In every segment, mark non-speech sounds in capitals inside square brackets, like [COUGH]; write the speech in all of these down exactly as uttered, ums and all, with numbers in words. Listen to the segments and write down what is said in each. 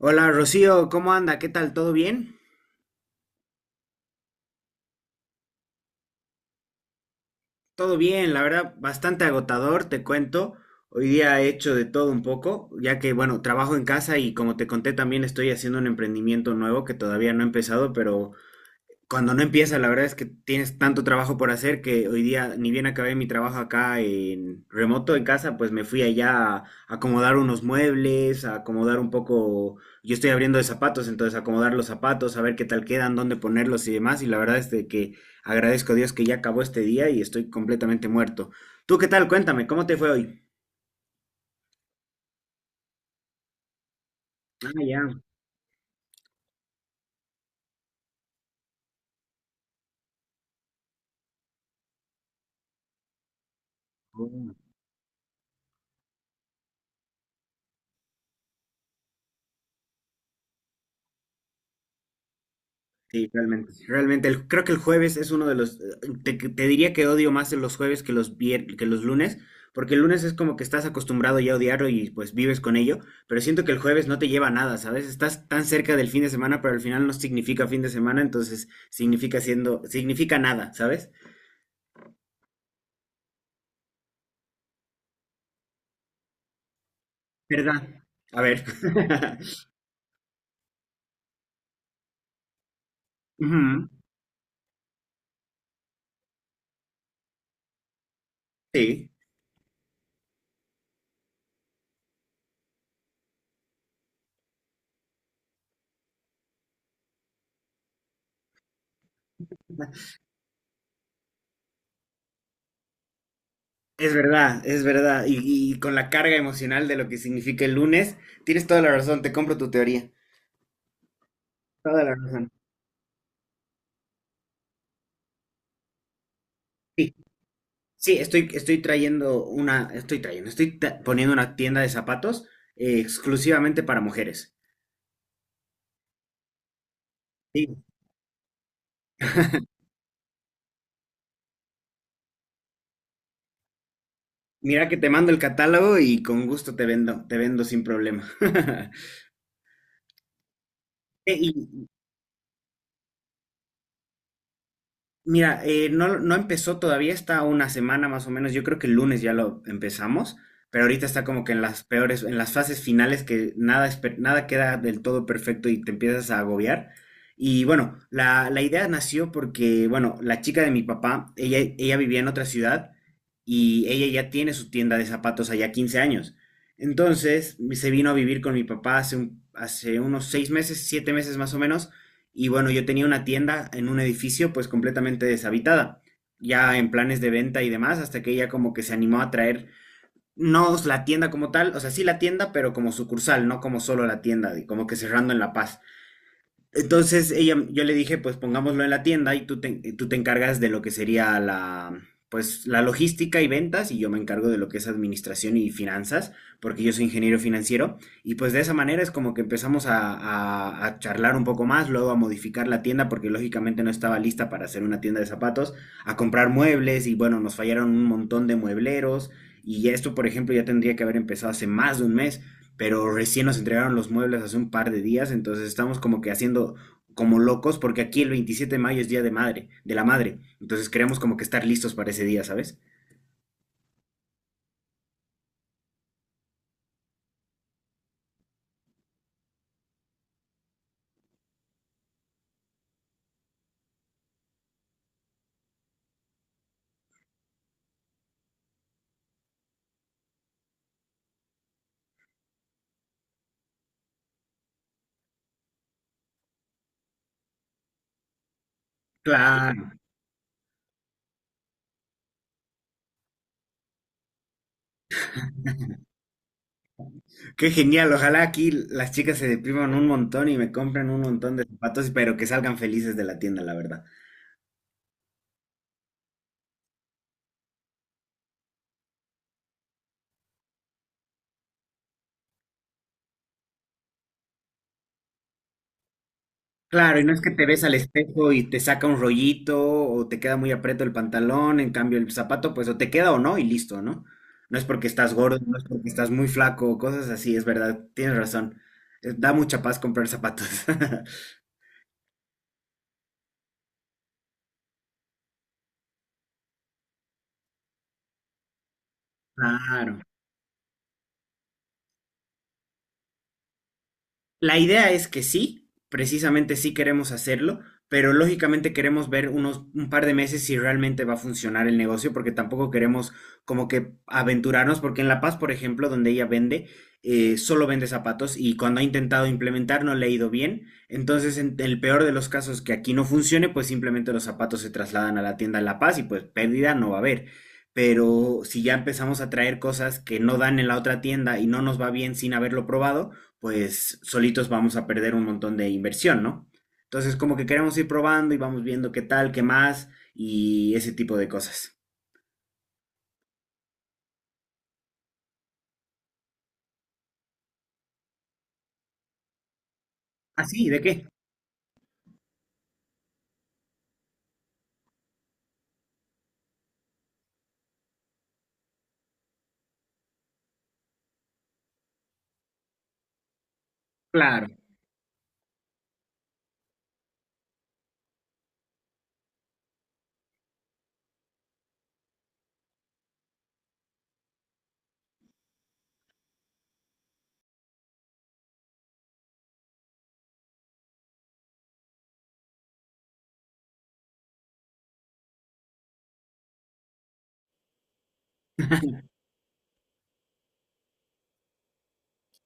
Hola Rocío, ¿cómo anda? ¿Qué tal? ¿Todo bien? Todo bien, la verdad, bastante agotador, te cuento. Hoy día he hecho de todo un poco, ya que, bueno, trabajo en casa y como te conté también estoy haciendo un emprendimiento nuevo que todavía no he empezado, pero cuando no empieza, la verdad es que tienes tanto trabajo por hacer que hoy día, ni bien acabé mi trabajo acá en remoto en casa, pues me fui allá a acomodar unos muebles, a acomodar un poco, yo estoy abriendo de zapatos, entonces acomodar los zapatos, a ver qué tal quedan, dónde ponerlos y demás, y la verdad es de que agradezco a Dios que ya acabó este día y estoy completamente muerto. ¿Tú qué tal? Cuéntame, ¿cómo te fue hoy? Ah, ya. Sí, realmente. Realmente, el- creo que el jueves es uno de los. eh, Te, te diría que odio más los jueves que los vier- que los lunes, porque el lunes es como que estás acostumbrado ya a odiarlo y pues vives con ello, pero siento que el jueves no te lleva a nada, ¿sabes? Estás tan cerca del fin de semana, pero al final no significa fin de semana, entonces significa siendo, significa nada, ¿sabes? ¿Verdad? A ver. [LAUGHS] Ujú, sí. Es verdad, es verdad. Y, y con la carga emocional de lo que significa el lunes, tienes toda la razón, te compro tu teoría. Toda la razón. Sí, sí, estoy, estoy trayendo una, estoy trayendo, estoy ta- poniendo una tienda de zapatos eh, exclusivamente para mujeres. Sí, mira que te mando el catálogo y con gusto te vendo, te vendo sin problema. [LAUGHS] Eh, Y, mira, eh, no, no empezó todavía, está una semana más o menos. Yo creo que el lunes ya lo empezamos, pero ahorita está como que en las peores, en las fases finales que nada, es per- nada queda del todo perfecto y te empiezas a agobiar. Y bueno, la, la idea nació porque, bueno, la chica de mi papá, ella, ella vivía en otra ciudad y ella ya tiene su tienda de zapatos allá quince años. Entonces, se vino a vivir con mi papá hace, un- hace unos seis meses, siete meses más o menos y bueno, yo tenía una tienda en un edificio pues completamente deshabitada, ya en planes de venta y demás, hasta que ella como que se animó a traer, no la tienda como tal, o sea, sí la tienda, pero como sucursal, no como solo la tienda, de- como que cerrando en La Paz. Entonces ella, yo le dije, pues pongámoslo en la tienda y tú te, tú te encargas de lo que sería la, pues, la logística y ventas y yo me encargo de lo que es administración y finanzas, porque yo soy ingeniero financiero. Y pues de esa manera es como que empezamos a, a- a charlar un poco más, luego a modificar la tienda, porque lógicamente no estaba lista para hacer una tienda de zapatos, a comprar muebles y bueno, nos fallaron un montón de muebleros. Y esto, por ejemplo, ya tendría que haber empezado hace más de un mes, pero recién nos entregaron los muebles hace un par de días, entonces estamos como que haciendo como locos, porque aquí el veintisiete de mayo es Día de Madre, de la Madre, entonces queremos como que estar listos para ese día, ¿sabes? Claro, qué genial, ojalá aquí las chicas se depriman un montón y me compren un montón de zapatos, pero que salgan felices de la tienda, la verdad. Claro, y no es que te ves al espejo y te saca un rollito o te queda muy aprieto el pantalón, en cambio el zapato pues o te queda o no y listo, ¿no? No es porque estás gordo, no es porque estás muy flaco, cosas así, es verdad, tienes razón. Eh, Da mucha paz comprar zapatos. [LAUGHS] Claro. La idea es que sí, precisamente sí queremos hacerlo, pero lógicamente queremos ver unos un par de meses si realmente va a funcionar el negocio, porque tampoco queremos como que aventurarnos, porque en La Paz, por ejemplo, donde ella vende, eh, solo vende zapatos y cuando ha intentado implementar no le ha ido bien. Entonces, en el peor de los casos que aquí no funcione, pues simplemente los zapatos se trasladan a la tienda en La Paz y pues pérdida no va a haber. Pero si ya empezamos a traer cosas que no dan en la otra tienda y no nos va bien sin haberlo probado, pues solitos vamos a perder un montón de inversión, ¿no? Entonces como que queremos ir probando y vamos viendo qué tal, qué más y ese tipo de cosas. ¿Ah, sí? ¿De qué? Claro,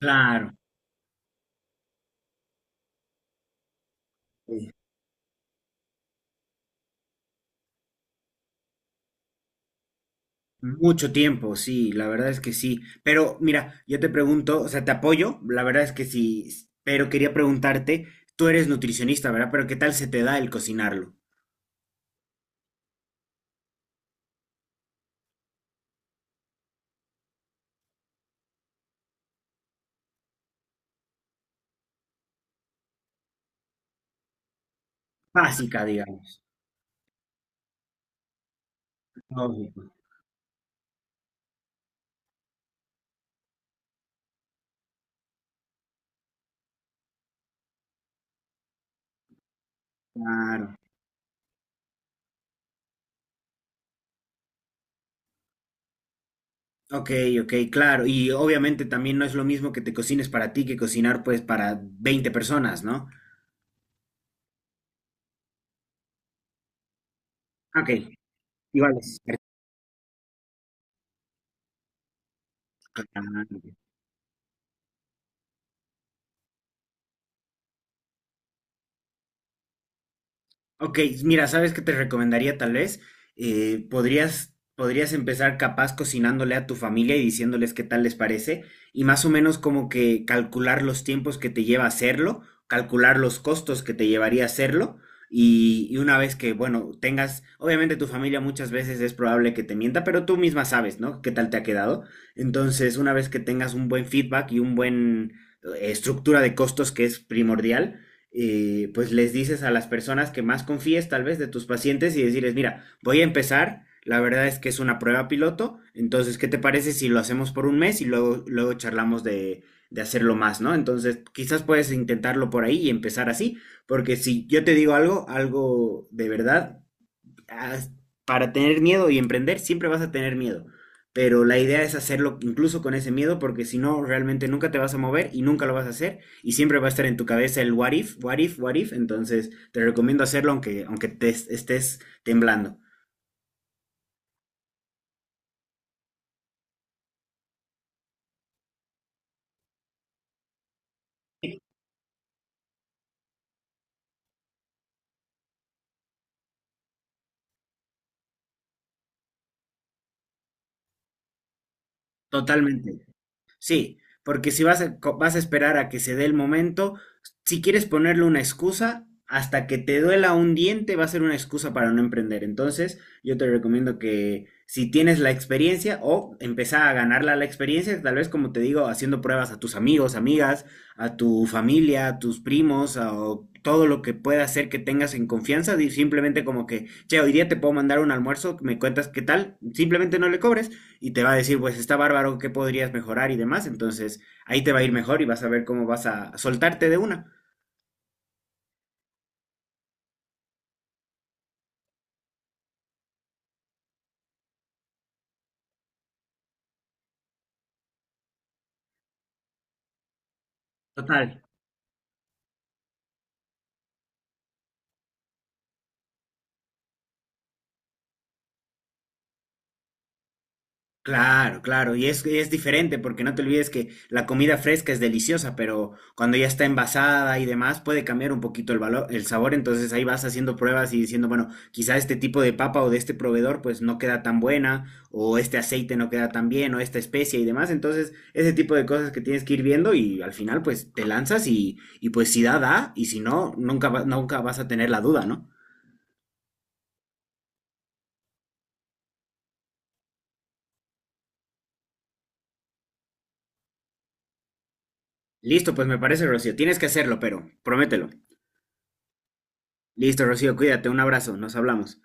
claro. Sí. Mucho tiempo, sí, la verdad es que sí. Pero mira, yo te pregunto, o sea, te apoyo, la verdad es que sí, pero quería preguntarte, tú eres nutricionista, ¿verdad? Pero ¿qué tal se te da el cocinarlo? Básica, digamos. Lógico, claro. Ok, ok, claro. Y obviamente también no es lo mismo que te cocines para ti que cocinar pues para veinte personas, ¿no? Ok, igual es. Ok, mira, ¿sabes qué te recomendaría tal vez? Eh, podrías, podrías empezar capaz cocinándole a tu familia y diciéndoles qué tal les parece y más o menos como que calcular los tiempos que te lleva hacerlo, calcular los costos que te llevaría hacerlo y, y una vez que, bueno, tengas, obviamente tu familia muchas veces es probable que te mienta, pero tú misma sabes, ¿no? ¿Qué tal te ha quedado? Entonces, una vez que tengas un buen feedback y un buen eh, estructura de costos que es primordial. Eh, pues les dices a las personas que más confíes tal vez de tus pacientes y decirles, mira, voy a empezar, la verdad es que es una prueba piloto, entonces, ¿qué te parece si lo hacemos por un mes y luego, luego charlamos de, de hacerlo más, ¿no? Entonces, quizás puedes intentarlo por ahí y empezar así, porque si yo te digo algo, algo de verdad, as- para tener miedo y emprender siempre vas a tener miedo, pero la idea es hacerlo incluso con ese miedo porque si no realmente nunca te vas a mover y nunca lo vas a hacer y siempre va a estar en tu cabeza el what if, what if, what if, entonces te recomiendo hacerlo aunque aunque te es- estés temblando. Totalmente. Sí, porque si vas a, co- vas a esperar a que se dé el momento, si quieres ponerle una excusa, hasta que te duela un diente va a ser una excusa para no emprender. Entonces, yo te recomiendo que si tienes la experiencia o empezar a ganarla la experiencia, tal vez como te digo, haciendo pruebas a tus amigos, amigas, a tu familia, a tus primos, a o todo lo que pueda hacer que tengas en confianza, di- simplemente como que, che, hoy día te puedo mandar un almuerzo, me cuentas qué tal, simplemente no le cobres y te va a decir, pues está bárbaro, ¿qué podrías mejorar y demás? Entonces ahí te va a ir mejor y vas a ver cómo vas a soltarte de una. Total, claro, claro, y es, y es diferente porque no te olvides que la comida fresca es deliciosa, pero cuando ya está envasada y demás puede cambiar un poquito el valor, el sabor, entonces ahí vas haciendo pruebas y diciendo, bueno, quizá este tipo de papa o de este proveedor pues no queda tan buena, o este aceite no queda tan bien, o esta especie y demás, entonces ese tipo de cosas que tienes que ir viendo y al final pues te lanzas y, y pues si da, da, y si no, nunca, va- nunca vas a tener la duda, ¿no? Listo, pues me parece, Rocío, tienes que hacerlo, pero promételo. Listo, Rocío, cuídate, un abrazo, nos hablamos.